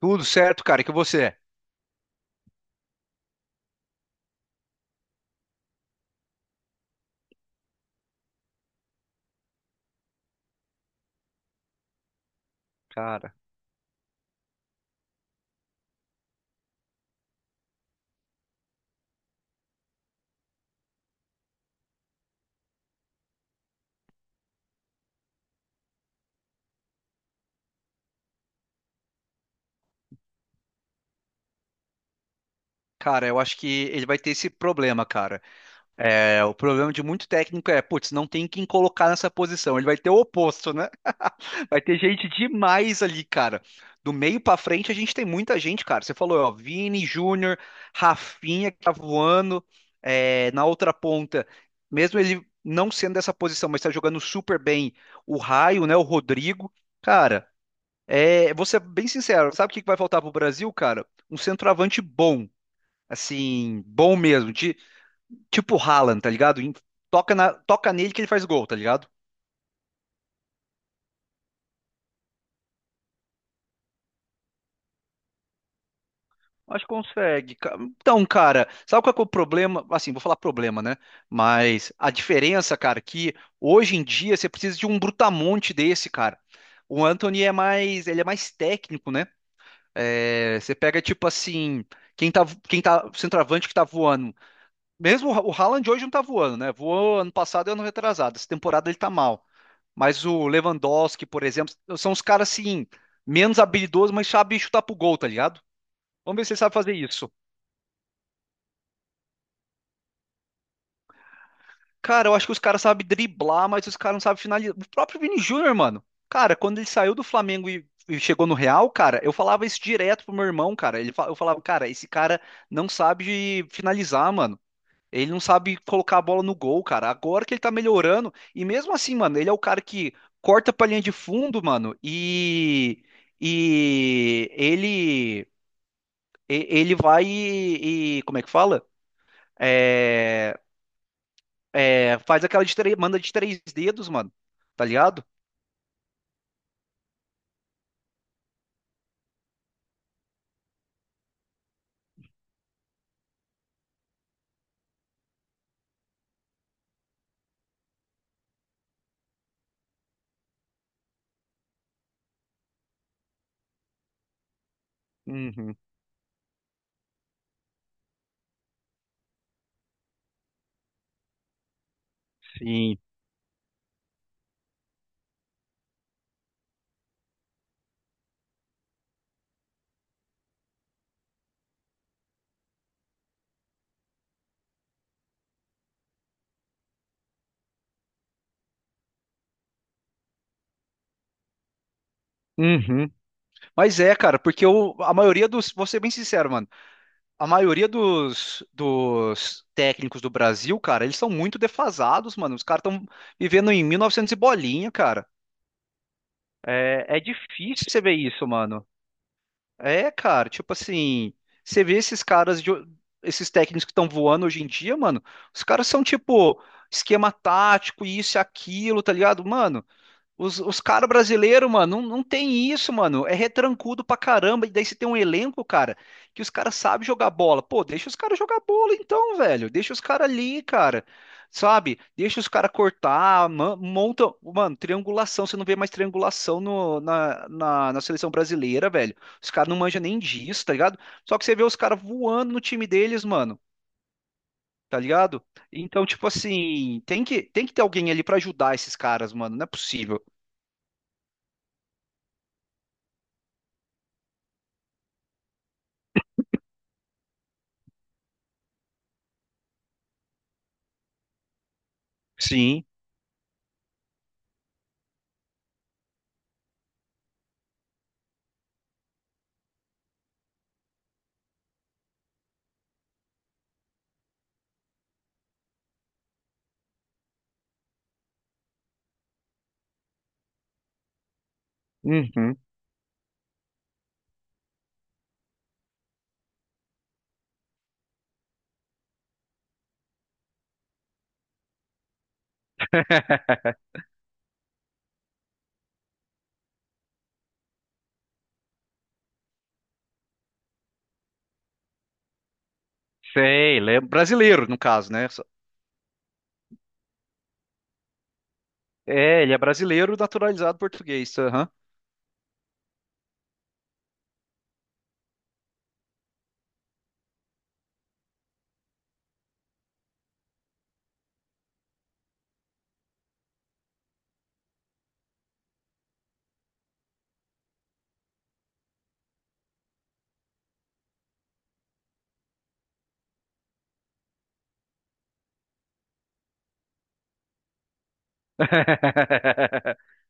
Tudo certo, cara. E que você? Cara, cara, eu acho que ele vai ter esse problema, cara. O problema de muito técnico é, putz, não tem quem colocar nessa posição. Ele vai ter o oposto, né? Vai ter gente demais ali, cara. Do meio pra frente, a gente tem muita gente, cara. Você falou, ó, Vini, Júnior, Rafinha, que tá voando. É, na outra ponta, mesmo ele não sendo dessa posição, mas tá jogando super bem, o Raio, né? O Rodrigo. Cara, vou ser bem sincero, sabe o que que vai faltar pro Brasil, cara? Um centroavante bom. Assim, bom mesmo. De, tipo o Haaland, tá ligado? Toca, toca nele que ele faz gol, tá ligado? Acho que consegue. Então, cara, sabe qual que é o problema? Assim, vou falar problema, né? Mas a diferença, cara, é que hoje em dia você precisa de um brutamonte desse, cara. O Anthony é mais, ele é mais técnico, né? É, você pega tipo assim, quem tá, quem tá centroavante que tá voando. Mesmo o o Haaland hoje não tá voando, né? Voou ano passado e ano retrasado. Essa temporada ele tá mal. Mas o Lewandowski, por exemplo, são os caras assim, menos habilidosos, mas sabem chutar pro gol, tá ligado? Vamos ver se ele sabe fazer isso. Cara, eu acho que os caras sabem driblar, mas os caras não sabem finalizar. O próprio Vini Júnior, mano. Cara, quando ele saiu do Flamengo e chegou no Real, cara, eu falava isso direto pro meu irmão, cara. Ele, eu falava, cara, esse cara não sabe finalizar, mano. Ele não sabe colocar a bola no gol, cara. Agora que ele tá melhorando. E mesmo assim, mano, ele é o cara que corta pra linha de fundo, mano. E. Ele. Ele vai como é que fala? É, faz aquela de três. Manda de três dedos, mano. Tá ligado? Uhum, sim. Uhum. Mas é, cara, a maioria dos. Vou ser bem sincero, mano. A maioria dos técnicos do Brasil, cara, eles são muito defasados, mano. Os caras estão vivendo em 1900 e novecentos e bolinha, cara. É, é difícil você ver isso, mano. É, cara, tipo assim, você vê esses caras, de, esses técnicos que estão voando hoje em dia, mano, os caras são tipo esquema tático, isso e aquilo, tá ligado? Mano, os caras brasileiros, mano, não tem isso, mano. É retrancudo pra caramba. E daí você tem um elenco, cara, que os caras sabem jogar bola. Pô, deixa os caras jogar bola então, velho. Deixa os caras ali, cara. Sabe? Deixa os caras cortar, monta. Mano, triangulação. Você não vê mais triangulação no, na, na, na seleção brasileira, velho. Os caras não manjam nem disso, tá ligado? Só que você vê os caras voando no time deles, mano. Tá ligado? Então, tipo assim, tem que ter alguém ali pra ajudar esses caras, mano. Não é possível. Sim. Uhum. Sei, ele é brasileiro, no caso, né? É, ele é brasileiro naturalizado português. Aham.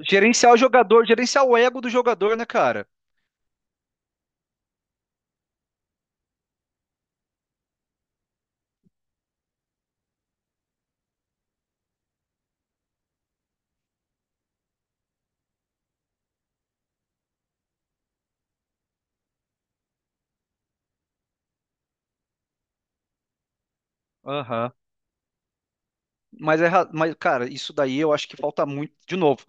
Gerenciar o jogador, gerenciar o ego do jogador, né, cara? Aham. Mas, mas, cara, isso daí eu acho que falta muito. De novo,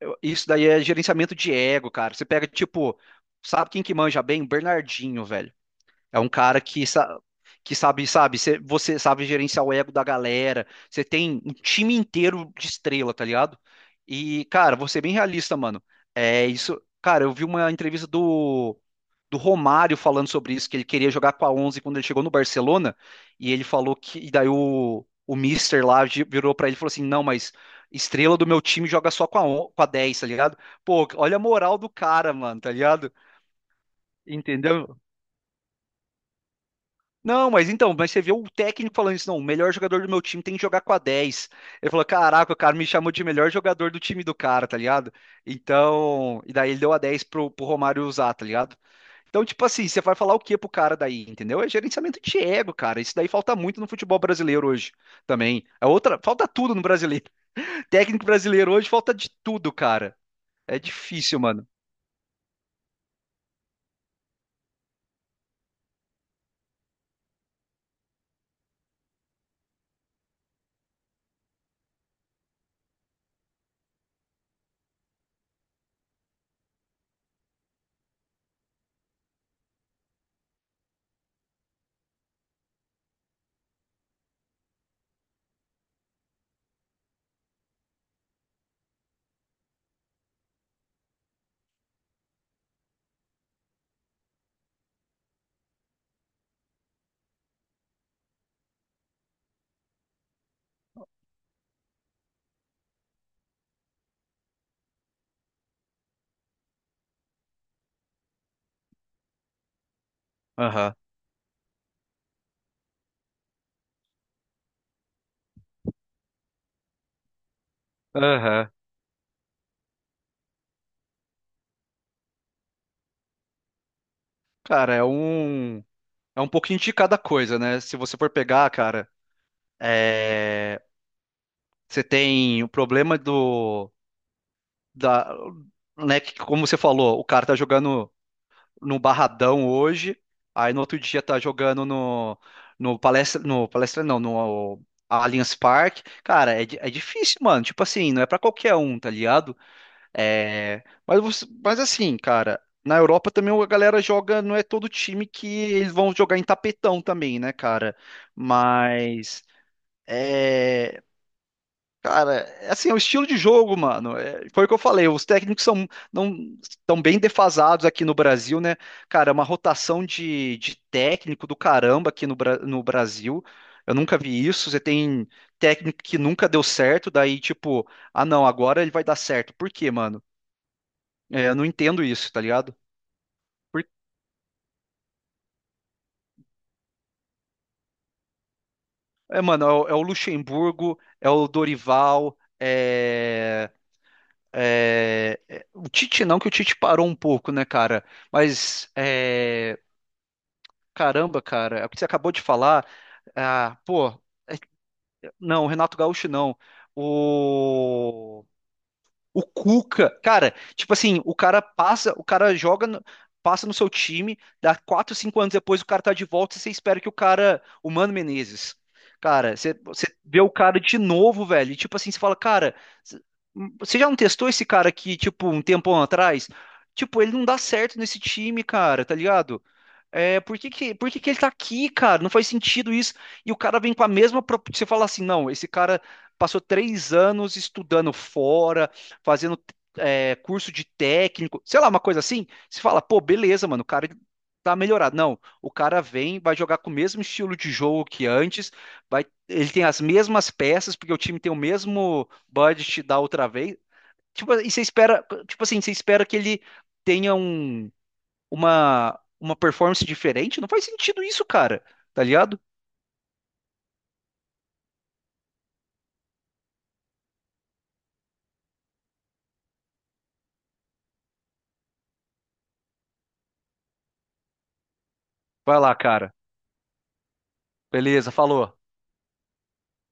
isso daí é gerenciamento de ego, cara. Você pega, tipo, sabe quem que manja bem? Bernardinho, velho. É um cara que sabe, sabe, você sabe gerenciar o ego da galera. Você tem um time inteiro de estrela, tá ligado? E, cara, vou ser bem realista, mano. É isso. Cara, eu vi uma entrevista do Romário falando sobre isso, que ele queria jogar com a 11 quando ele chegou no Barcelona. E ele falou que. E daí o Mister lá virou pra ele e falou assim: não, mas estrela do meu time joga só com com a 10, tá ligado? Pô, olha a moral do cara, mano, tá ligado? Entendeu? Não, mas então, mas você viu o técnico falando isso, não, o melhor jogador do meu time tem que jogar com a 10. Ele falou, caraca, o cara me chamou de melhor jogador do time do cara, tá ligado? Então, e daí ele deu a 10 pro Romário usar, tá ligado? Então, tipo assim, você vai falar o que pro cara daí, entendeu? É gerenciamento de ego, cara. Isso daí falta muito no futebol brasileiro hoje também. É outra, falta tudo no brasileiro. Técnico brasileiro hoje falta de tudo, cara. É difícil, mano. Aham. Aham. Cara, é um pouquinho de cada coisa, né? Se você for pegar, cara, é, você tem o problema da, né, que, como você falou, o cara tá jogando no Barradão hoje, aí no outro dia tá jogando no Palestra, no Palestra não, no Allianz Parque. Cara, é, é difícil, mano. Tipo assim, não é pra qualquer um, tá ligado? É, mas, mas assim, cara, na Europa também a galera joga, não é todo time que eles vão jogar em tapetão também, né, cara? Mas. É, cara, é assim, é o estilo de jogo, mano. É, foi o que eu falei. Os técnicos são não estão bem defasados aqui no Brasil, né? Cara, é uma rotação de técnico do caramba aqui no, no Brasil. Eu nunca vi isso. Você tem técnico que nunca deu certo, daí tipo, ah, não, agora ele vai dar certo. Por quê, mano? É, eu não entendo isso, tá ligado? Por- É, mano, é é o Luxemburgo, é o Dorival, é. O Tite não, que o Tite parou um pouco, né, cara? Mas, é, caramba, cara, é o que você acabou de falar. Ah, pô, é que- não, o Renato Gaúcho não. O Cuca, cara, tipo assim, o cara passa, o cara joga, passa no seu time, dá 4, 5 anos depois o cara tá de volta e você espera que o cara, o Mano Menezes, cara, você vê o cara de novo, velho, e tipo assim, você fala, cara, c- você já não testou esse cara aqui, tipo, um tempão atrás? Tipo, ele não dá certo nesse time, cara, tá ligado? É, por que que ele tá aqui, cara? Não faz sentido isso. E o cara vem com a mesma. Você fala assim, não, esse cara passou 3 anos estudando fora, fazendo curso de técnico, sei lá, uma coisa assim. Você fala, pô, beleza, mano, o cara tá melhorado. Não, o cara vem, vai jogar com o mesmo estilo de jogo que antes, vai, ele tem as mesmas peças, porque o time tem o mesmo budget da outra vez. Tipo, e você espera, tipo assim, você espera que ele tenha uma performance diferente? Não faz sentido isso, cara. Tá ligado? Vai lá, cara. Beleza, falou.